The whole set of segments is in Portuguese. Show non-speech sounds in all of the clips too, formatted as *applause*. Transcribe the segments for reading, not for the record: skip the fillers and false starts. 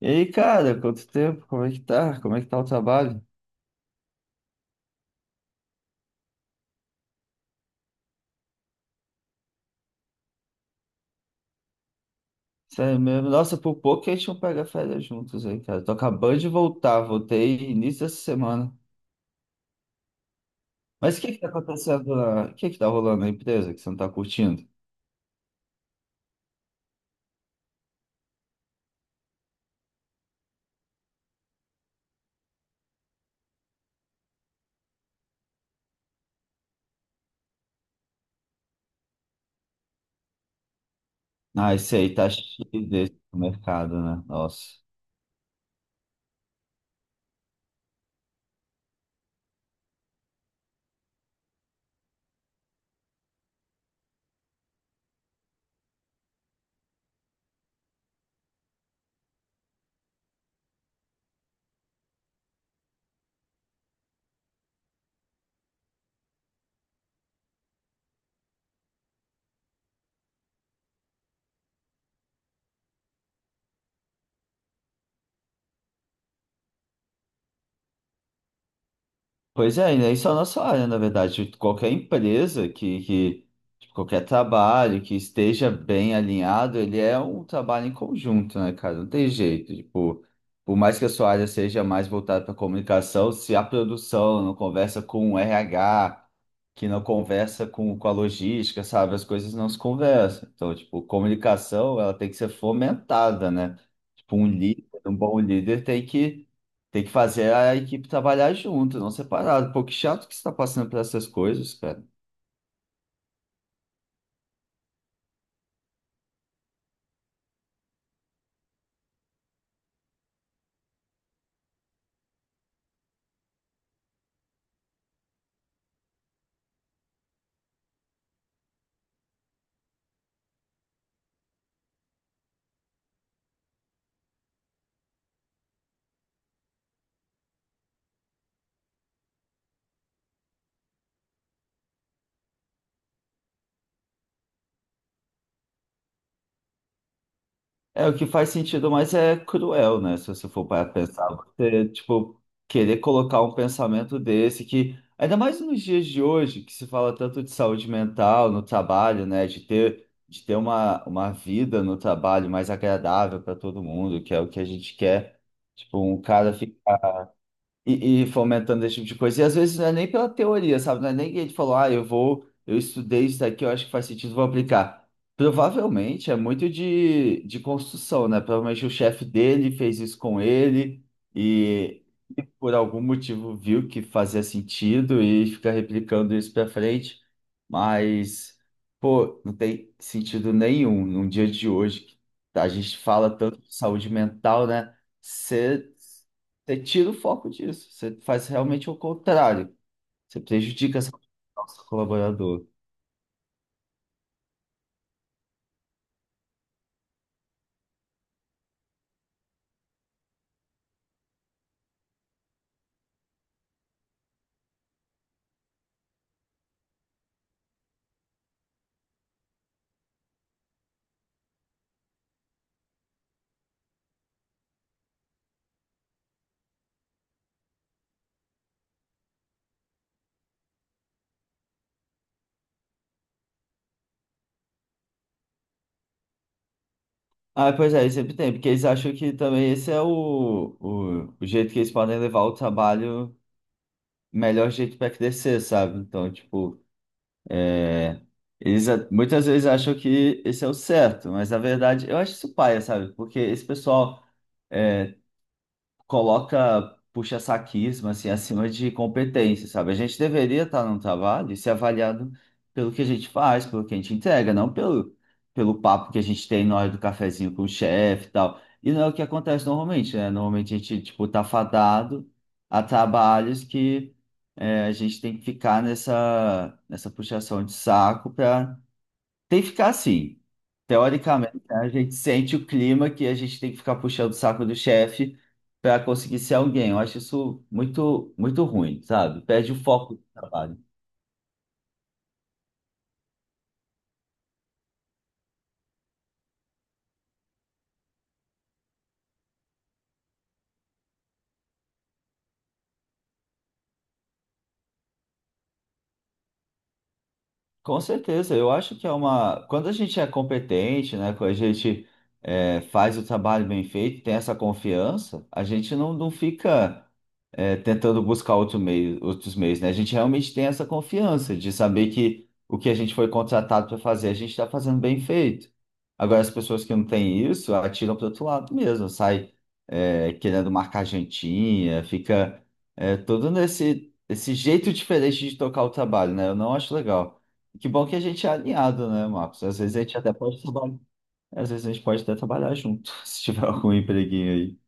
E aí, cara, quanto tempo? Como é que tá? Como é que tá o trabalho? Sério mesmo. Nossa, por pouco que a gente não pega férias juntos aí, cara. Tô acabando de voltar, voltei início dessa semana. Mas o que que tá acontecendo lá? O que que tá rolando na empresa que você não tá curtindo? Ah, esse aí tá cheio desse mercado, né? Nossa. Pois é, e não é só na sua área, na verdade. Tipo, qualquer empresa que tipo, qualquer trabalho que esteja bem alinhado, ele é um trabalho em conjunto, né, cara? Não tem jeito. Tipo, por mais que a sua área seja mais voltada para comunicação, se a produção não conversa com o RH, que não conversa com a logística, sabe? As coisas não se conversam. Então, tipo, comunicação, ela tem que ser fomentada, né? Tipo, um líder, um bom líder tem que fazer a equipe trabalhar junto, não separado. Pô, que chato que você tá passando por essas coisas, cara. É, o que faz sentido, mas é cruel, né? Se você for para pensar, você, tipo, querer colocar um pensamento desse que, ainda mais nos dias de hoje, que se fala tanto de saúde mental no trabalho, né? De ter uma vida no trabalho mais agradável para todo mundo, que é o que a gente quer. Tipo, um cara fica. E fomentando esse tipo de coisa. E às vezes não é nem pela teoria, sabe? Não é nem que ele falou, ah, eu vou, eu estudei isso daqui, eu acho que faz sentido, vou aplicar. Provavelmente é muito de construção, né? Provavelmente o chefe dele fez isso com ele e e por algum motivo viu que fazia sentido e fica replicando isso para frente. Mas, pô, não tem sentido nenhum num dia de hoje. Que a gente fala tanto de saúde mental, né? Você você tira o foco disso. Você faz realmente o contrário. Você prejudica essa- nosso colaborador. Ah, pois é, sempre tem, porque eles acham que também esse é o jeito que eles podem levar o trabalho, o melhor jeito para crescer, sabe? Então, tipo, é, eles a- muitas vezes acham que esse é o certo, mas na verdade eu acho isso paia, sabe? Porque esse pessoal. é, coloca puxa-saquismo assim acima de competência, sabe? A gente deveria estar num trabalho e ser avaliado pelo que a gente faz, pelo que a gente entrega, não pelo, pelo papo que a gente tem na hora do cafezinho com o chefe e tal. E não é o que acontece normalmente, né? Normalmente a gente, tipo, tá fadado a trabalhos que a gente tem que ficar nessa, nessa puxação de saco para tem que ficar assim. Teoricamente, né, a gente sente o clima que a gente tem que ficar puxando o saco do chefe para conseguir ser alguém. Eu acho isso muito, muito ruim, sabe? Perde o foco do trabalho. Com certeza, eu acho que é uma. Quando a gente é competente, né? Quando a gente faz o trabalho bem feito, tem essa confiança, a gente não, não fica tentando buscar outro meio, outros meios, né? A gente realmente tem essa confiança de saber que o que a gente foi contratado para fazer, a gente está fazendo bem feito. Agora, as pessoas que não têm isso, atiram para outro lado mesmo, sai querendo marcar jantinha, fica todo nesse esse jeito diferente de tocar o trabalho, né? Eu não acho legal. Que bom que a gente é alinhado, né, Marcos? Às vezes a gente até pode trabalhar, às vezes a gente pode até trabalhar junto, *laughs* se tiver algum empreguinho aí.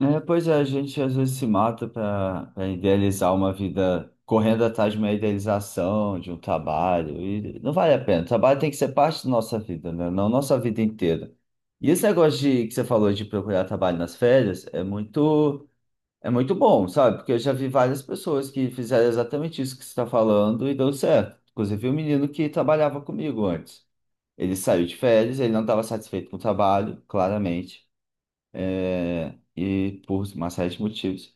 É, pois é, a gente às vezes se mata para idealizar uma vida correndo atrás de uma idealização, de um trabalho, e não vale a pena. O trabalho tem que ser parte da nossa vida, né? Não nossa vida inteira. E esse negócio de, que você falou de procurar trabalho nas férias é muito. É muito bom, sabe? Porque eu já vi várias pessoas que fizeram exatamente isso que você está falando e deu certo. Inclusive, o menino que trabalhava comigo antes. Ele saiu de férias, ele não estava satisfeito com o trabalho, claramente, e por uma série de motivos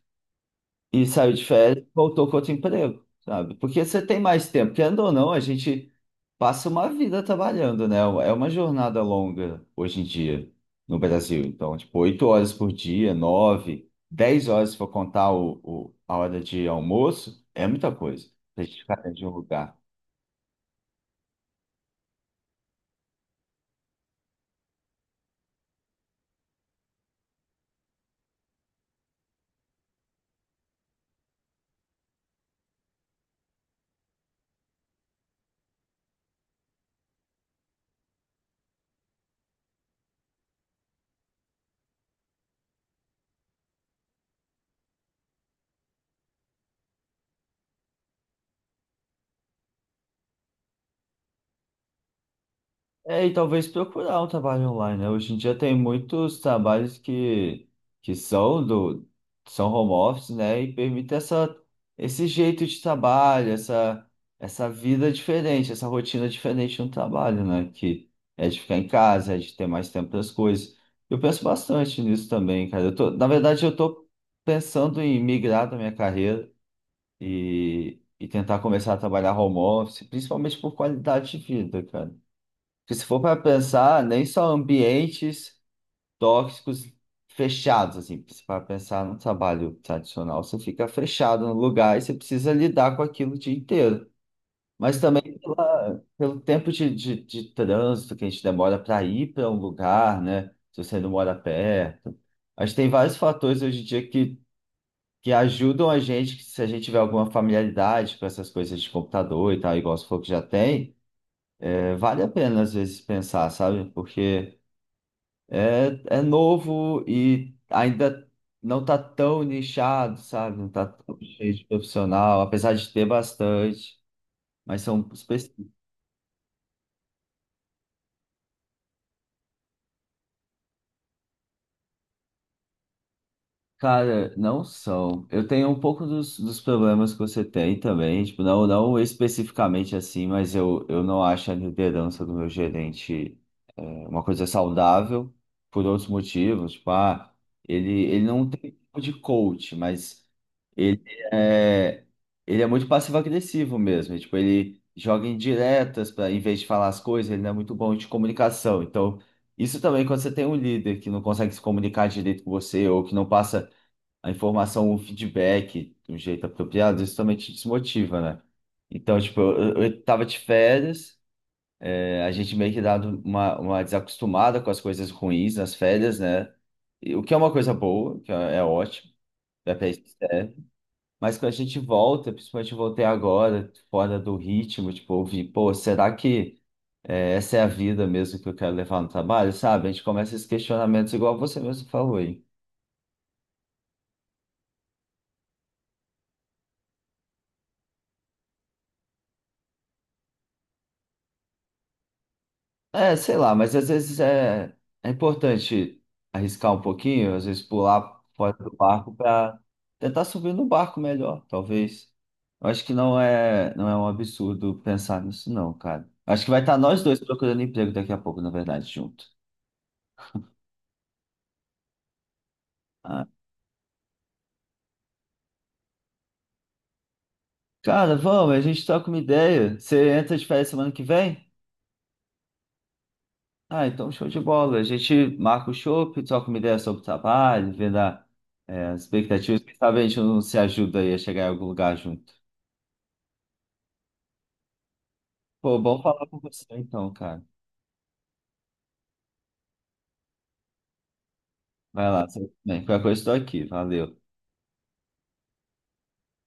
e saiu de férias, voltou com outro emprego, sabe? Porque você tem mais tempo, querendo ou não, a gente passa uma vida trabalhando, né? É uma jornada longa hoje em dia no Brasil. Então, tipo, oito horas por dia, nove, dez horas se for contar o- a hora de almoço, é muita coisa pra gente ficar dentro de um lugar. É, e talvez procurar um trabalho online, né? Hoje em dia tem muitos trabalhos que são do são home office, né? E permite essa, esse jeito de trabalho, essa vida diferente, essa rotina diferente no trabalho, né? Que é de ficar em casa, é de ter mais tempo para as coisas. Eu penso bastante nisso também, cara. Eu tô, na verdade, eu tô pensando em migrar da minha carreira e tentar começar a trabalhar home office, principalmente por qualidade de vida, cara. Porque se for para pensar, nem só ambientes tóxicos fechados, assim, se for para pensar no trabalho tradicional, você fica fechado no lugar e você precisa lidar com aquilo o dia inteiro. Mas também pela- pelo tempo de trânsito que a gente demora para ir para um lugar, né? Se você não mora perto. Acho que tem vários fatores hoje em dia que ajudam a gente, que se a gente tiver alguma familiaridade com essas coisas de computador e tal, igual você falou que já tem, vale a pena às vezes pensar, sabe? Porque. É, é novo e ainda não tá tão nichado, sabe? Não tá tão cheio de profissional, apesar de ter bastante, mas são Cara, não são. Eu tenho um pouco dos, dos problemas que você tem também, tipo, não, não especificamente assim, mas eu não acho a liderança do meu gerente é, uma coisa saudável por outros motivos. Tipo, ah, ele não tem tipo de coach, mas ele é, ele é muito passivo-agressivo mesmo. E, tipo, ele joga indiretas para, em vez de falar as coisas, ele não é muito bom de comunicação. Então, isso também quando você tem um líder que não consegue se comunicar direito com você ou que não passa a informação, o feedback do jeito apropriado, isso também te desmotiva, né? Então, tipo, eu tava de férias, a gente meio que dado uma desacostumada com as coisas ruins nas férias, né? E o que é uma coisa boa, que é, é ótimo, é pra isso que serve. Mas quando a gente volta, principalmente eu voltei agora, fora do ritmo, tipo, ouvir, pô, será que essa é a vida mesmo que eu quero levar no trabalho, sabe? A gente começa esses questionamentos igual você mesmo falou, É, sei lá, mas às vezes é importante arriscar um pouquinho, às vezes pular fora do barco para tentar subir no barco melhor, talvez. Eu acho que não é um absurdo pensar nisso, não, cara. Acho que vai estar nós dois procurando emprego daqui a pouco, na verdade, junto. Ah, cara, vamos, a gente troca uma ideia. Você entra de férias semana que vem? Ah, então show de bola. A gente marca o chopp, troca uma ideia sobre o trabalho, vendo a- as expectativas. Quem sabe a gente não se ajuda aí a chegar em algum lugar junto. Pô, bom falar com você então, cara. Vai lá, você... bem, qualquer coisa estou aqui. Valeu.